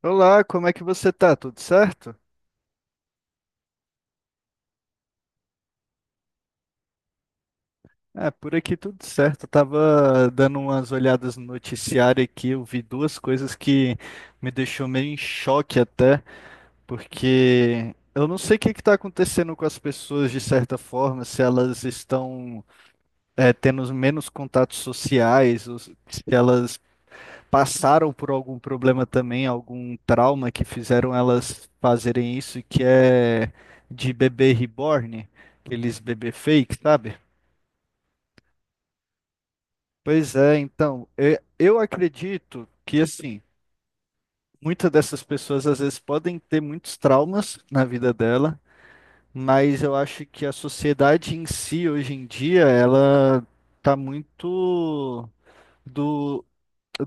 Olá, como é que você tá? Tudo certo? Ah, por aqui tudo certo. Eu tava dando umas olhadas no noticiário aqui, eu vi duas coisas que me deixou meio em choque até, porque eu não sei o que que tá acontecendo com as pessoas de certa forma, se elas estão tendo menos contatos sociais, ou se elas passaram por algum problema também, algum trauma que fizeram elas fazerem isso, que é de bebê reborn, aqueles bebê fake, sabe? Pois é, então, eu acredito que assim, muitas dessas pessoas às vezes podem ter muitos traumas na vida dela, mas eu acho que a sociedade em si hoje em dia, ela tá muito do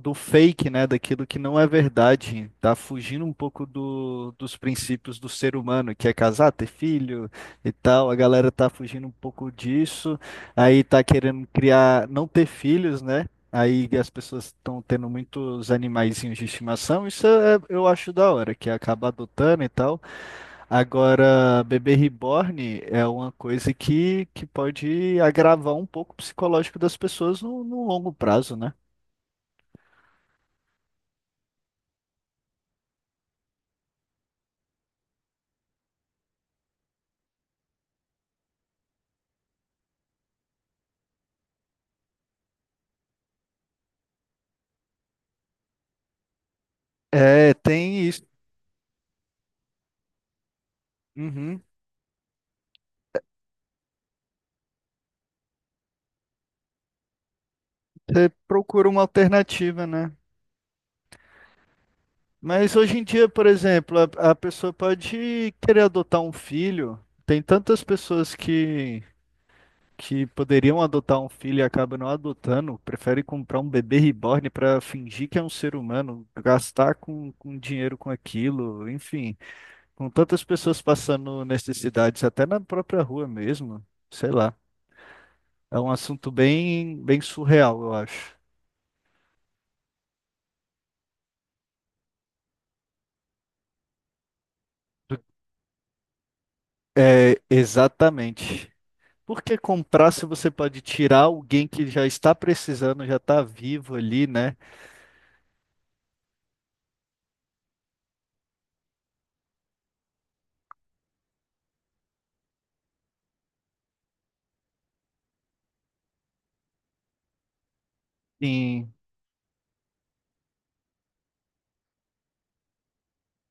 do fake, né? Daquilo que não é verdade. Tá fugindo um pouco dos princípios do ser humano, que é casar, ter filho e tal. A galera tá fugindo um pouco disso. Aí tá querendo criar, não ter filhos, né? Aí as pessoas estão tendo muitos animaizinhos de estimação. Eu acho da hora, que acaba adotando e tal. Agora, bebê reborn é uma coisa que pode agravar um pouco o psicológico das pessoas no longo prazo, né? É, tem isso. Uhum. Você procura uma alternativa, né? Mas hoje em dia, por exemplo, a pessoa pode querer adotar um filho. Tem tantas pessoas que poderiam adotar um filho e acabam não adotando, prefere comprar um bebê reborn para fingir que é um ser humano, gastar com dinheiro com aquilo, enfim. Com tantas pessoas passando necessidades, até na própria rua mesmo, sei lá. É um assunto bem, bem surreal, eu acho. É, exatamente. Porque comprar se você pode tirar alguém que já está precisando, já está vivo ali, né? Em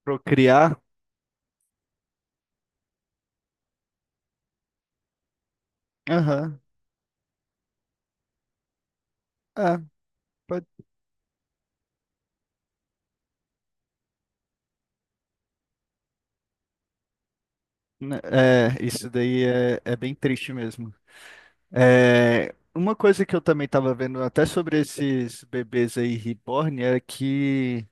procriar. Aham. É, pode- né, é, isso daí é bem triste mesmo. É, uma coisa que eu também estava vendo até sobre esses bebês aí reborn é que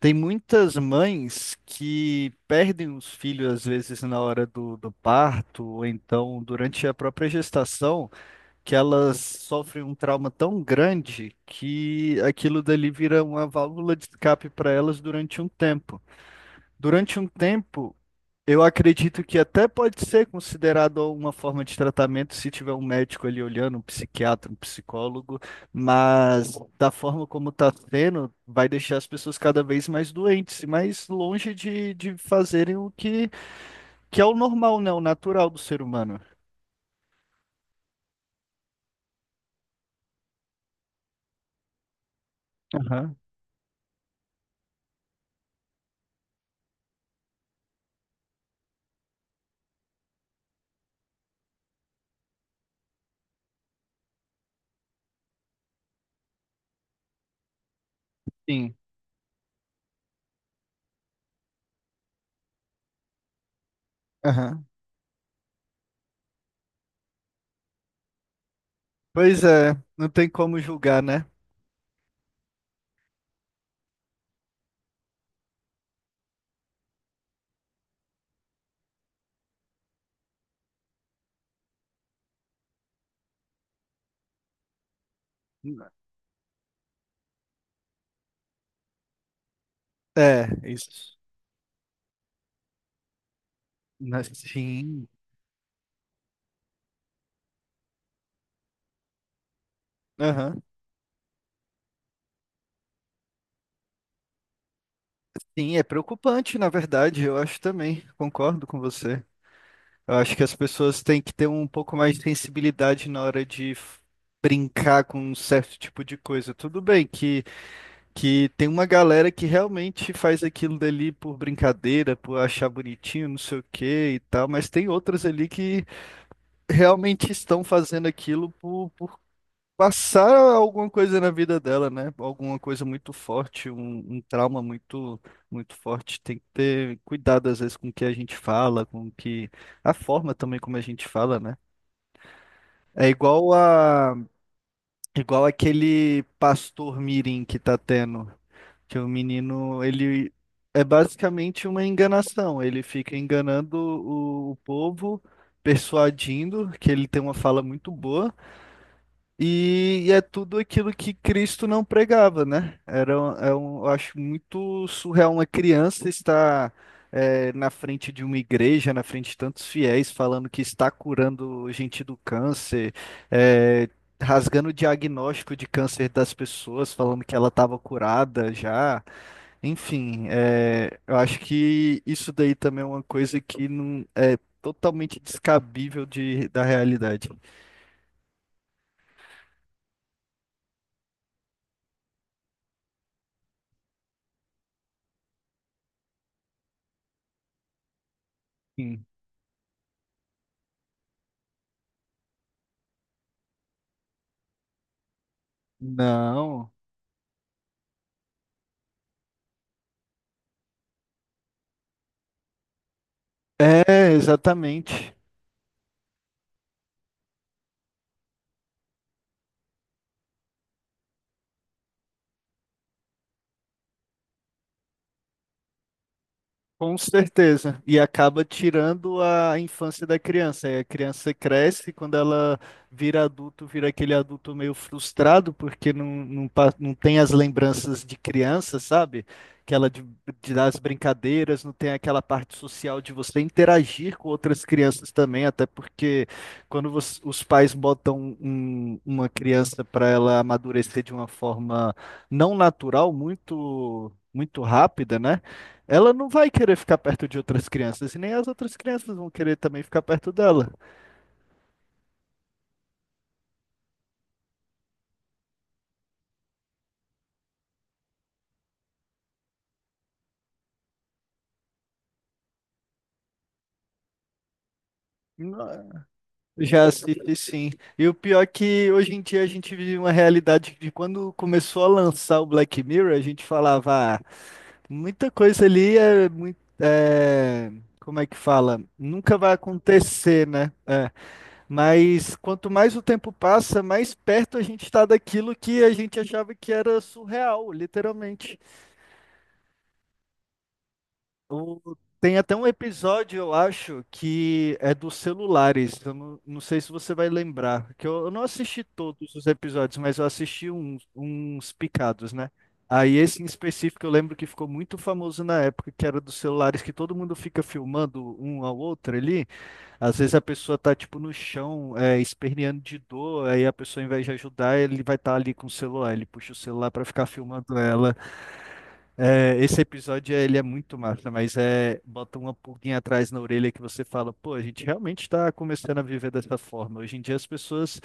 tem muitas mães que perdem os filhos às vezes na hora do parto, ou então durante a própria gestação. Que elas sofrem um trauma tão grande que aquilo dali vira uma válvula de escape para elas durante um tempo. Durante um tempo, eu acredito que até pode ser considerado uma forma de tratamento se tiver um médico ali olhando, um psiquiatra, um psicólogo, mas da forma como está sendo, vai deixar as pessoas cada vez mais doentes e mais longe de fazerem o que, que é o normal, né? O natural do ser humano. Aham, sim. Aham. Pois é, não tem como julgar, né? É, isso. Mas, sim. Aham. Sim, é preocupante, na verdade, eu acho também, concordo com você. Eu acho que as pessoas têm que ter um pouco mais de sensibilidade na hora de brincar com um certo tipo de coisa. Tudo bem que tem uma galera que realmente faz aquilo dali por brincadeira, por achar bonitinho, não sei o quê e tal, mas tem outras ali que realmente estão fazendo aquilo por passar alguma coisa na vida dela, né? Alguma coisa muito forte, um trauma muito, muito forte. Tem que ter cuidado, às vezes, com o que a gente fala, com o que a forma também como a gente fala, né? É igual a, igual aquele pastor mirim que tá tendo, que o menino, ele é basicamente uma enganação. Ele fica enganando o povo, persuadindo que ele tem uma fala muito boa. E é tudo aquilo que Cristo não pregava, né? Era, um- é um, eu acho muito surreal uma criança estar na frente de uma igreja, na frente de tantos fiéis, falando que está curando gente do câncer, é, rasgando o diagnóstico de câncer das pessoas, falando que ela estava curada já. Enfim, é, eu acho que isso daí também é uma coisa que não é totalmente descabível da realidade. Sim. Não. É, exatamente. Com certeza. E acaba tirando a infância da criança. Aí a criança cresce, quando ela vira adulto, vira aquele adulto meio frustrado, porque não tem as lembranças de criança, sabe? Aquela de, de dar as brincadeiras, não tem aquela parte social de você interagir com outras crianças também, até porque os pais botam uma criança para ela amadurecer de uma forma não natural, muito, muito rápida, né? Ela não vai querer ficar perto de outras crianças, e nem as outras crianças vão querer também ficar perto dela. Não. Já assisti sim. E o pior é que hoje em dia a gente vive uma realidade de quando começou a lançar o Black Mirror, a gente falava, ah, muita coisa ali é muito. É, como é que fala? Nunca vai acontecer, né? É, mas quanto mais o tempo passa, mais perto a gente está daquilo que a gente achava que era surreal, literalmente. Tem até um episódio, eu acho, que é dos celulares. Eu não, não sei se você vai lembrar, que eu não assisti todos os episódios, mas eu assisti uns, uns picados, né? Aí esse em específico eu lembro que ficou muito famoso na época, que era dos celulares, que todo mundo fica filmando um ao outro ali. Às vezes a pessoa tá, tipo, no chão, é, esperneando de dor, aí a pessoa, ao invés de ajudar, ele vai estar ali com o celular, ele puxa o celular para ficar filmando ela. É, esse episódio ele é muito massa, mas é bota uma pulguinha atrás na orelha que você fala, pô, a gente realmente está começando a viver dessa forma. Hoje em dia as pessoas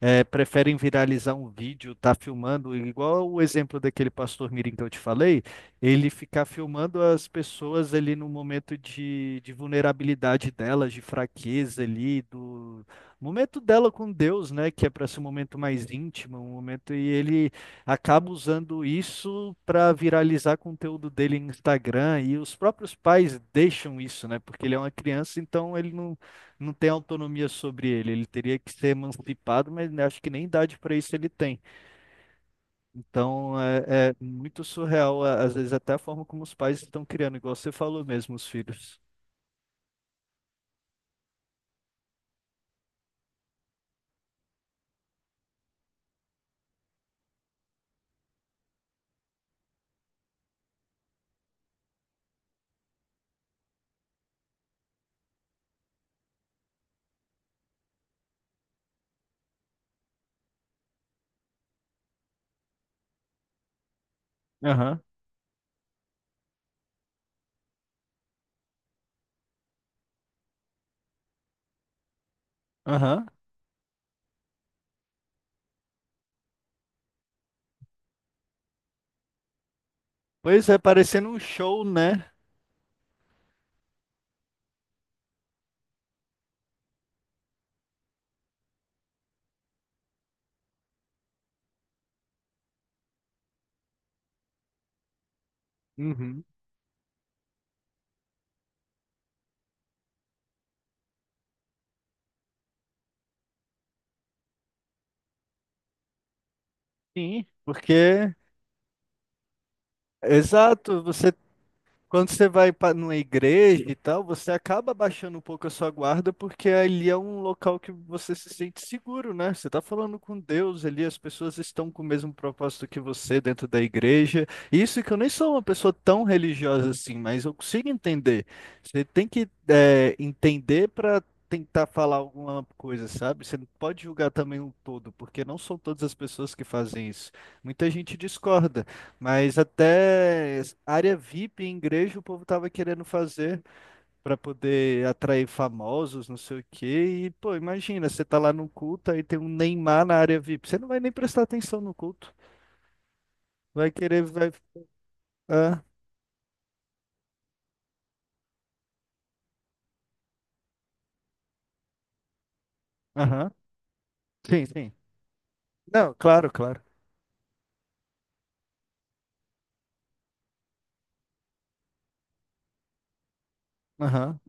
preferem viralizar um vídeo, tá filmando, igual o exemplo daquele pastor Mirim que eu te falei, ele ficar filmando as pessoas ali no momento de vulnerabilidade delas, de fraqueza ali, do momento dela com Deus, né, que é para ser um momento mais íntimo, um momento, e ele acaba usando isso para viralizar conteúdo dele no Instagram, e os próprios pais deixam isso, né, porque ele é uma criança, então ele não tem autonomia sobre ele. Ele teria que ser emancipado, mas né, acho que nem idade para isso ele tem. Então é, é muito surreal, às vezes, até a forma como os pais estão criando, igual você falou mesmo, os filhos. Aham, aham. Pois é, parecendo um show, né? Uhum. Sim. Porque, exato, você Quando você vai para numa igreja e tal, você acaba baixando um pouco a sua guarda, porque ali é um local que você se sente seguro, né? Você está falando com Deus ali, as pessoas estão com o mesmo propósito que você dentro da igreja. Isso que eu nem sou uma pessoa tão religiosa assim, mas eu consigo entender. Você tem entender para tentar falar alguma coisa, sabe? Você não pode julgar também um todo, porque não são todas as pessoas que fazem isso. Muita gente discorda. Mas até área VIP em igreja o povo tava querendo fazer para poder atrair famosos, não sei o quê. E, pô, imagina, você tá lá no culto, aí tem um Neymar na área VIP. Você não vai nem prestar atenção no culto. Vai querer, vai. Ah, aham. Sim, sim. Não, claro, claro. Aham.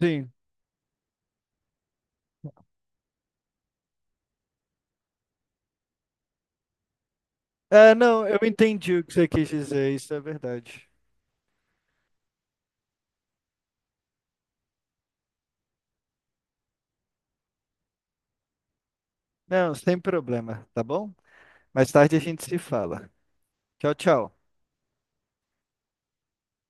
Sim. É, não, eu entendi o que você quis dizer, isso é verdade. Não, sem problema, tá bom? Mais tarde a gente se fala. Tchau, tchau.